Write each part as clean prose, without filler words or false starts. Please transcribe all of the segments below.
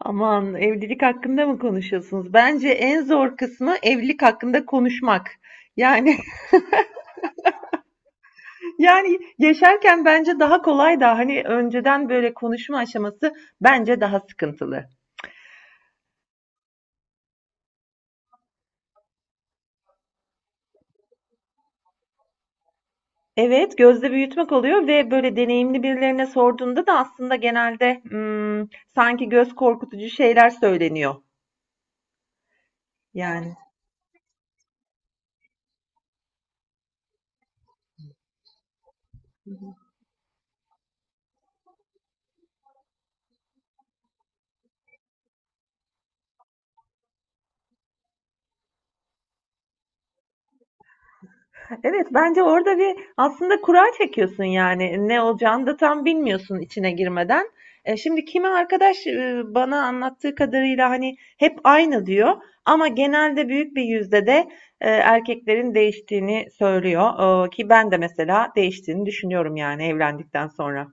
Aman, evlilik hakkında mı konuşuyorsunuz? Bence en zor kısmı evlilik hakkında konuşmak. Yani. Yani yaşarken bence daha kolay da, hani önceden böyle konuşma aşaması bence daha sıkıntılı. Evet, gözde büyütmek oluyor ve böyle deneyimli birilerine sorduğunda da aslında genelde sanki göz korkutucu şeyler söyleniyor. Yani. Evet, bence orada bir aslında kura çekiyorsun, yani ne olacağını da tam bilmiyorsun içine girmeden. Şimdi kimi arkadaş bana anlattığı kadarıyla hani hep aynı diyor, ama genelde büyük bir yüzde de erkeklerin değiştiğini söylüyor. Ki ben de mesela değiştiğini düşünüyorum, yani evlendikten sonra.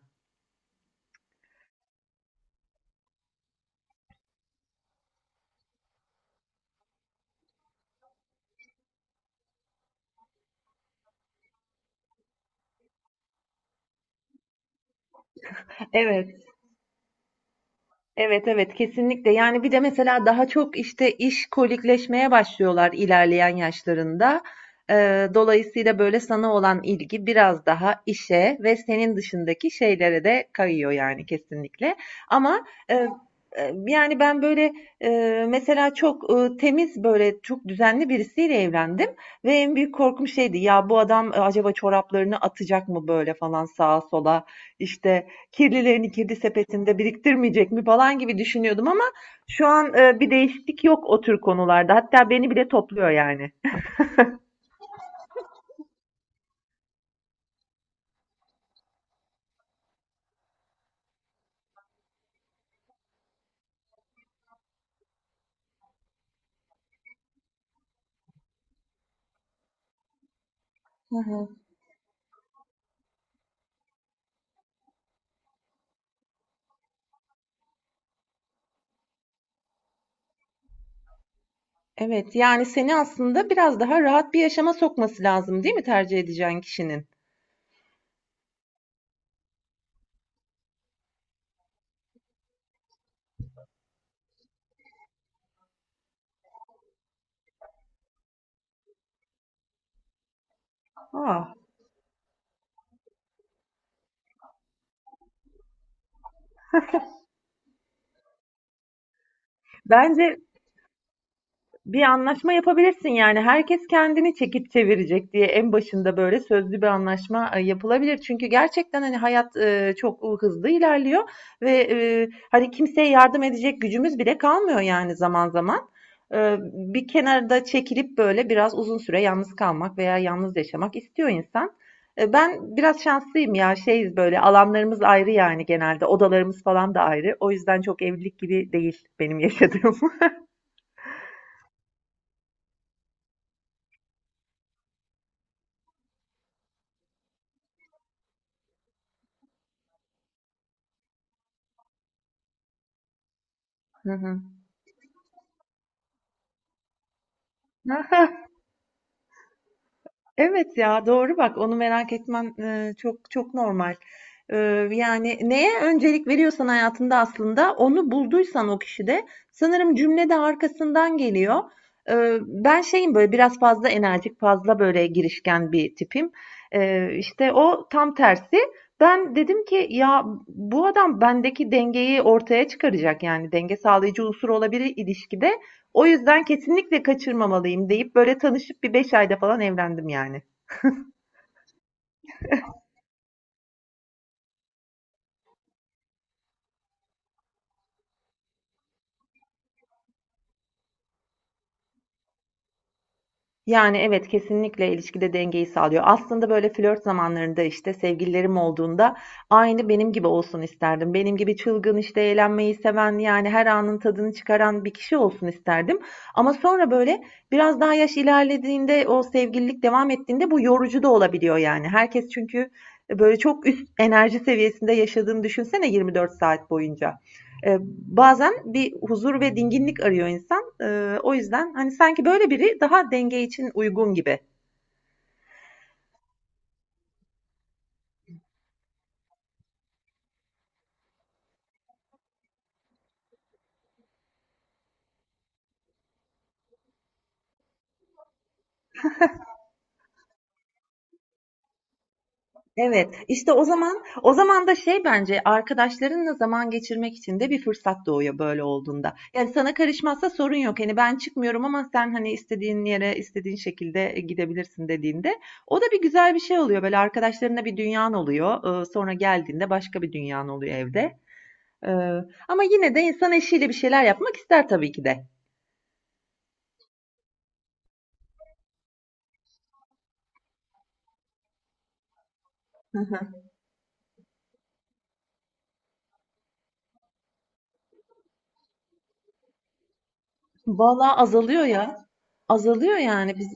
Evet. Evet, evet, kesinlikle. Yani bir de mesela daha çok işte iş kolikleşmeye başlıyorlar ilerleyen yaşlarında. Dolayısıyla böyle sana olan ilgi biraz daha işe ve senin dışındaki şeylere de kayıyor yani, kesinlikle. Ama e, yani ben böyle, e, mesela çok temiz, böyle çok düzenli birisiyle evlendim ve en büyük korkum şeydi ya, bu adam acaba çoraplarını atacak mı böyle falan sağa sola, işte kirlilerini kirli sepetinde biriktirmeyecek mi falan gibi düşünüyordum, ama şu an bir değişiklik yok o tür konularda. Hatta beni bile topluyor yani. Hı hı. Evet, yani seni aslında biraz daha rahat bir yaşama sokması lazım, değil mi, tercih edeceğin kişinin? Ah, bence bir anlaşma yapabilirsin, yani herkes kendini çekip çevirecek diye en başında böyle sözlü bir anlaşma yapılabilir. Çünkü gerçekten hani hayat çok hızlı ilerliyor ve hani kimseye yardım edecek gücümüz bile kalmıyor yani, zaman zaman. E, Bir kenarda çekilip böyle biraz uzun süre yalnız kalmak veya yalnız yaşamak istiyor insan. Ben biraz şanslıyım ya, şeyiz, böyle alanlarımız ayrı, yani genelde odalarımız falan da ayrı. O yüzden çok evlilik gibi değil benim yaşadığım. Hı hı. Evet ya, doğru, bak, onu merak etmen çok çok normal. E, Yani neye öncelik veriyorsan hayatında, aslında onu bulduysan o kişide, sanırım cümle de arkasından geliyor. E, Ben şeyim böyle, biraz fazla enerjik, fazla böyle girişken bir tipim. İşte o tam tersi. Ben dedim ki ya, bu adam bendeki dengeyi ortaya çıkaracak, yani denge sağlayıcı unsur olabilir ilişkide. O yüzden kesinlikle kaçırmamalıyım deyip böyle tanışıp bir 5 ayda falan evlendim yani. Yani, evet, kesinlikle ilişkide dengeyi sağlıyor. Aslında böyle flört zamanlarında, işte sevgililerim olduğunda aynı benim gibi olsun isterdim. Benim gibi çılgın, işte eğlenmeyi seven, yani her anın tadını çıkaran bir kişi olsun isterdim. Ama sonra böyle biraz daha yaş ilerlediğinde, o sevgililik devam ettiğinde bu yorucu da olabiliyor yani. Herkes çünkü böyle çok üst enerji seviyesinde yaşadığını düşünsene 24 saat boyunca. E, Bazen bir huzur ve dinginlik arıyor insan. O yüzden hani sanki böyle biri daha denge için uygun gibi. Evet, işte o zaman da şey, bence arkadaşlarınla zaman geçirmek için de bir fırsat doğuyor böyle olduğunda. Yani sana karışmazsa sorun yok. Hani ben çıkmıyorum ama sen hani istediğin yere istediğin şekilde gidebilirsin dediğinde, o da bir güzel bir şey oluyor. Böyle arkadaşlarına bir dünyan oluyor. Sonra geldiğinde başka bir dünyan oluyor evde. Ee, Ama yine de insan eşiyle bir şeyler yapmak ister, tabii ki de. Hı hı. Vallahi azalıyor ya. Azalıyor yani.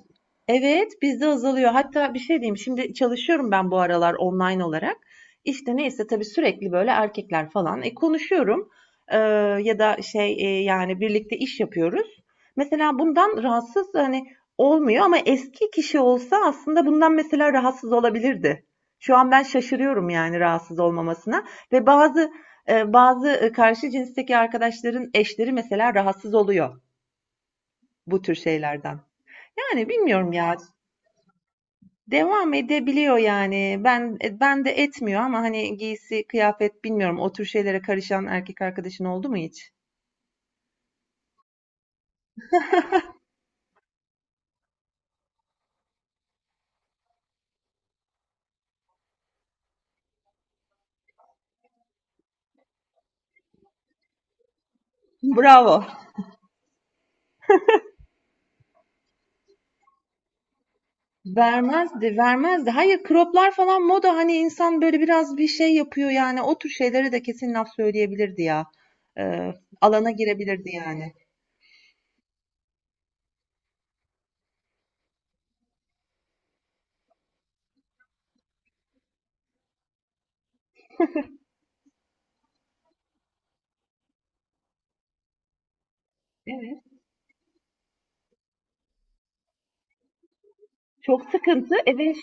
Evet, bizde azalıyor. Hatta bir şey diyeyim. Şimdi çalışıyorum ben bu aralar online olarak. İşte neyse, tabii sürekli böyle erkekler falan. Konuşuyorum. Ee, Ya da şey, yani birlikte iş yapıyoruz. Mesela bundan rahatsız hani olmuyor, ama eski kişi olsa aslında bundan mesela rahatsız olabilirdi. Şu an ben şaşırıyorum yani rahatsız olmamasına, ve bazı karşı cinsteki arkadaşların eşleri mesela rahatsız oluyor bu tür şeylerden. Yani bilmiyorum ya. Devam edebiliyor yani. Ben de etmiyor, ama hani giysi, kıyafet, bilmiyorum, o tür şeylere karışan erkek arkadaşın oldu mu hiç? Bravo. Vermezdi, vermezdi. Hayır, croplar falan moda, hani insan böyle biraz bir şey yapıyor yani, o tür şeylere de kesin laf söyleyebilirdi ya. Ee, Alana girebilirdi yani. Evet. Çok sıkıntı. Evet.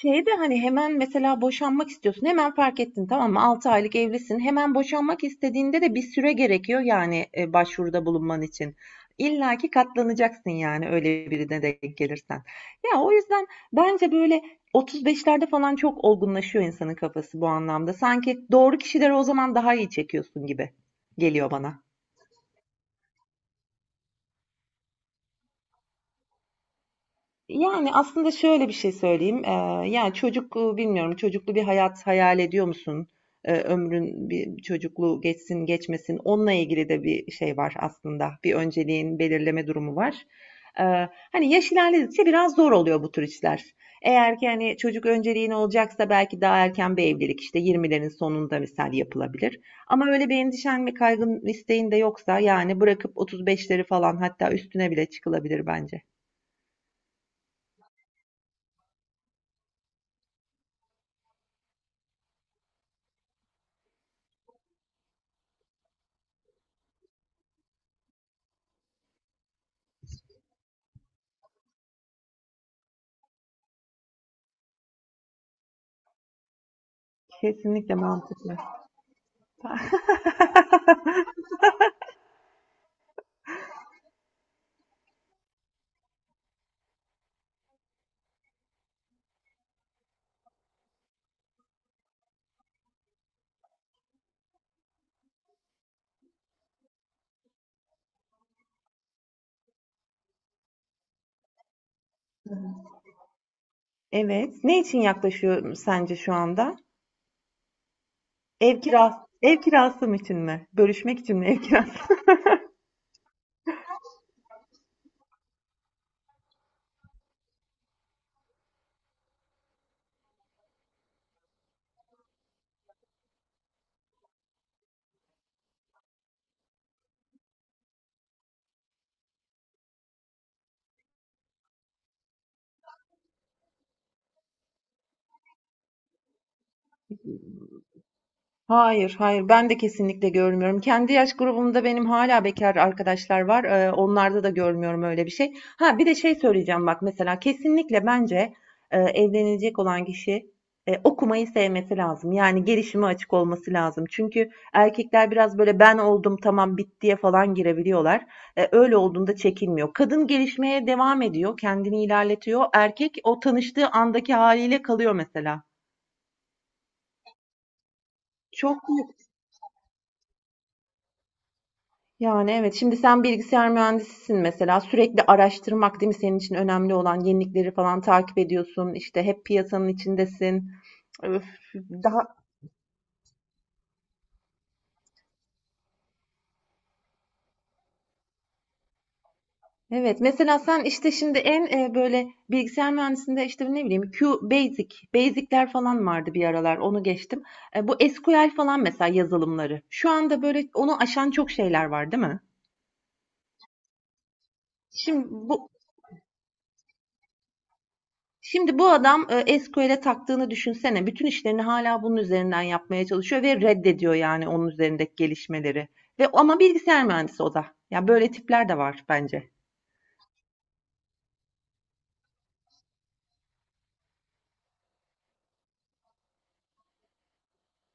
Şeyde hani hemen mesela boşanmak istiyorsun. Hemen fark ettin, tamam mı? 6 aylık evlisin. Hemen boşanmak istediğinde de bir süre gerekiyor yani başvuruda bulunman için. İlla ki katlanacaksın yani, öyle birine de gelirsen. Ya o yüzden bence böyle 35'lerde falan çok olgunlaşıyor insanın kafası bu anlamda. Sanki doğru kişileri o zaman daha iyi çekiyorsun gibi geliyor bana. Yani aslında şöyle bir şey söyleyeyim, yani çocuk, bilmiyorum, çocuklu bir hayat hayal ediyor musun? Ömrün bir çocukluğu geçsin geçmesin, onunla ilgili de bir şey var aslında. Bir önceliğin belirleme durumu var. Hani yaş ilerledikçe biraz zor oluyor bu tür işler. Eğer ki hani çocuk önceliğin olacaksa belki daha erken bir evlilik, işte 20'lerin sonunda misal, yapılabilir. Ama öyle bir endişen ve kaygın, isteğin de yoksa, yani bırakıp 35'leri falan, hatta üstüne bile çıkılabilir bence. Kesinlikle mantıklı. Evet. Ne için yaklaşıyor sence şu anda? Ev kirası, ev kirası mı için mi? Bölüşmek için mi, ev kirası? Hayır, hayır. Ben de kesinlikle görmüyorum. Kendi yaş grubumda benim hala bekar arkadaşlar var. Onlarda da görmüyorum öyle bir şey. Ha, bir de şey söyleyeceğim bak, mesela kesinlikle bence, evlenecek olan kişi, okumayı sevmesi lazım. Yani gelişime açık olması lazım. Çünkü erkekler biraz böyle ben oldum, tamam, bittiye falan girebiliyorlar. Öyle olduğunda çekinmiyor. Kadın gelişmeye devam ediyor, kendini ilerletiyor. Erkek o tanıştığı andaki haliyle kalıyor mesela. Çok Yani, evet. Şimdi sen bilgisayar mühendisisin mesela. Sürekli araştırmak, değil mi, senin için önemli olan? Yenilikleri falan takip ediyorsun. İşte hep piyasanın içindesin. Öf, daha evet. Mesela sen işte şimdi böyle bilgisayar mühendisinde işte, ne bileyim, Q Basic, Basic'ler falan vardı bir aralar. Onu geçtim. Bu SQL falan mesela yazılımları. Şu anda böyle onu aşan çok şeyler var, değil mi? Şimdi bu Şimdi bu adam SQL'e taktığını düşünsene. Bütün işlerini hala bunun üzerinden yapmaya çalışıyor ve reddediyor, yani onun üzerindeki gelişmeleri. Ve ama bilgisayar mühendisi o da. Ya böyle tipler de var bence.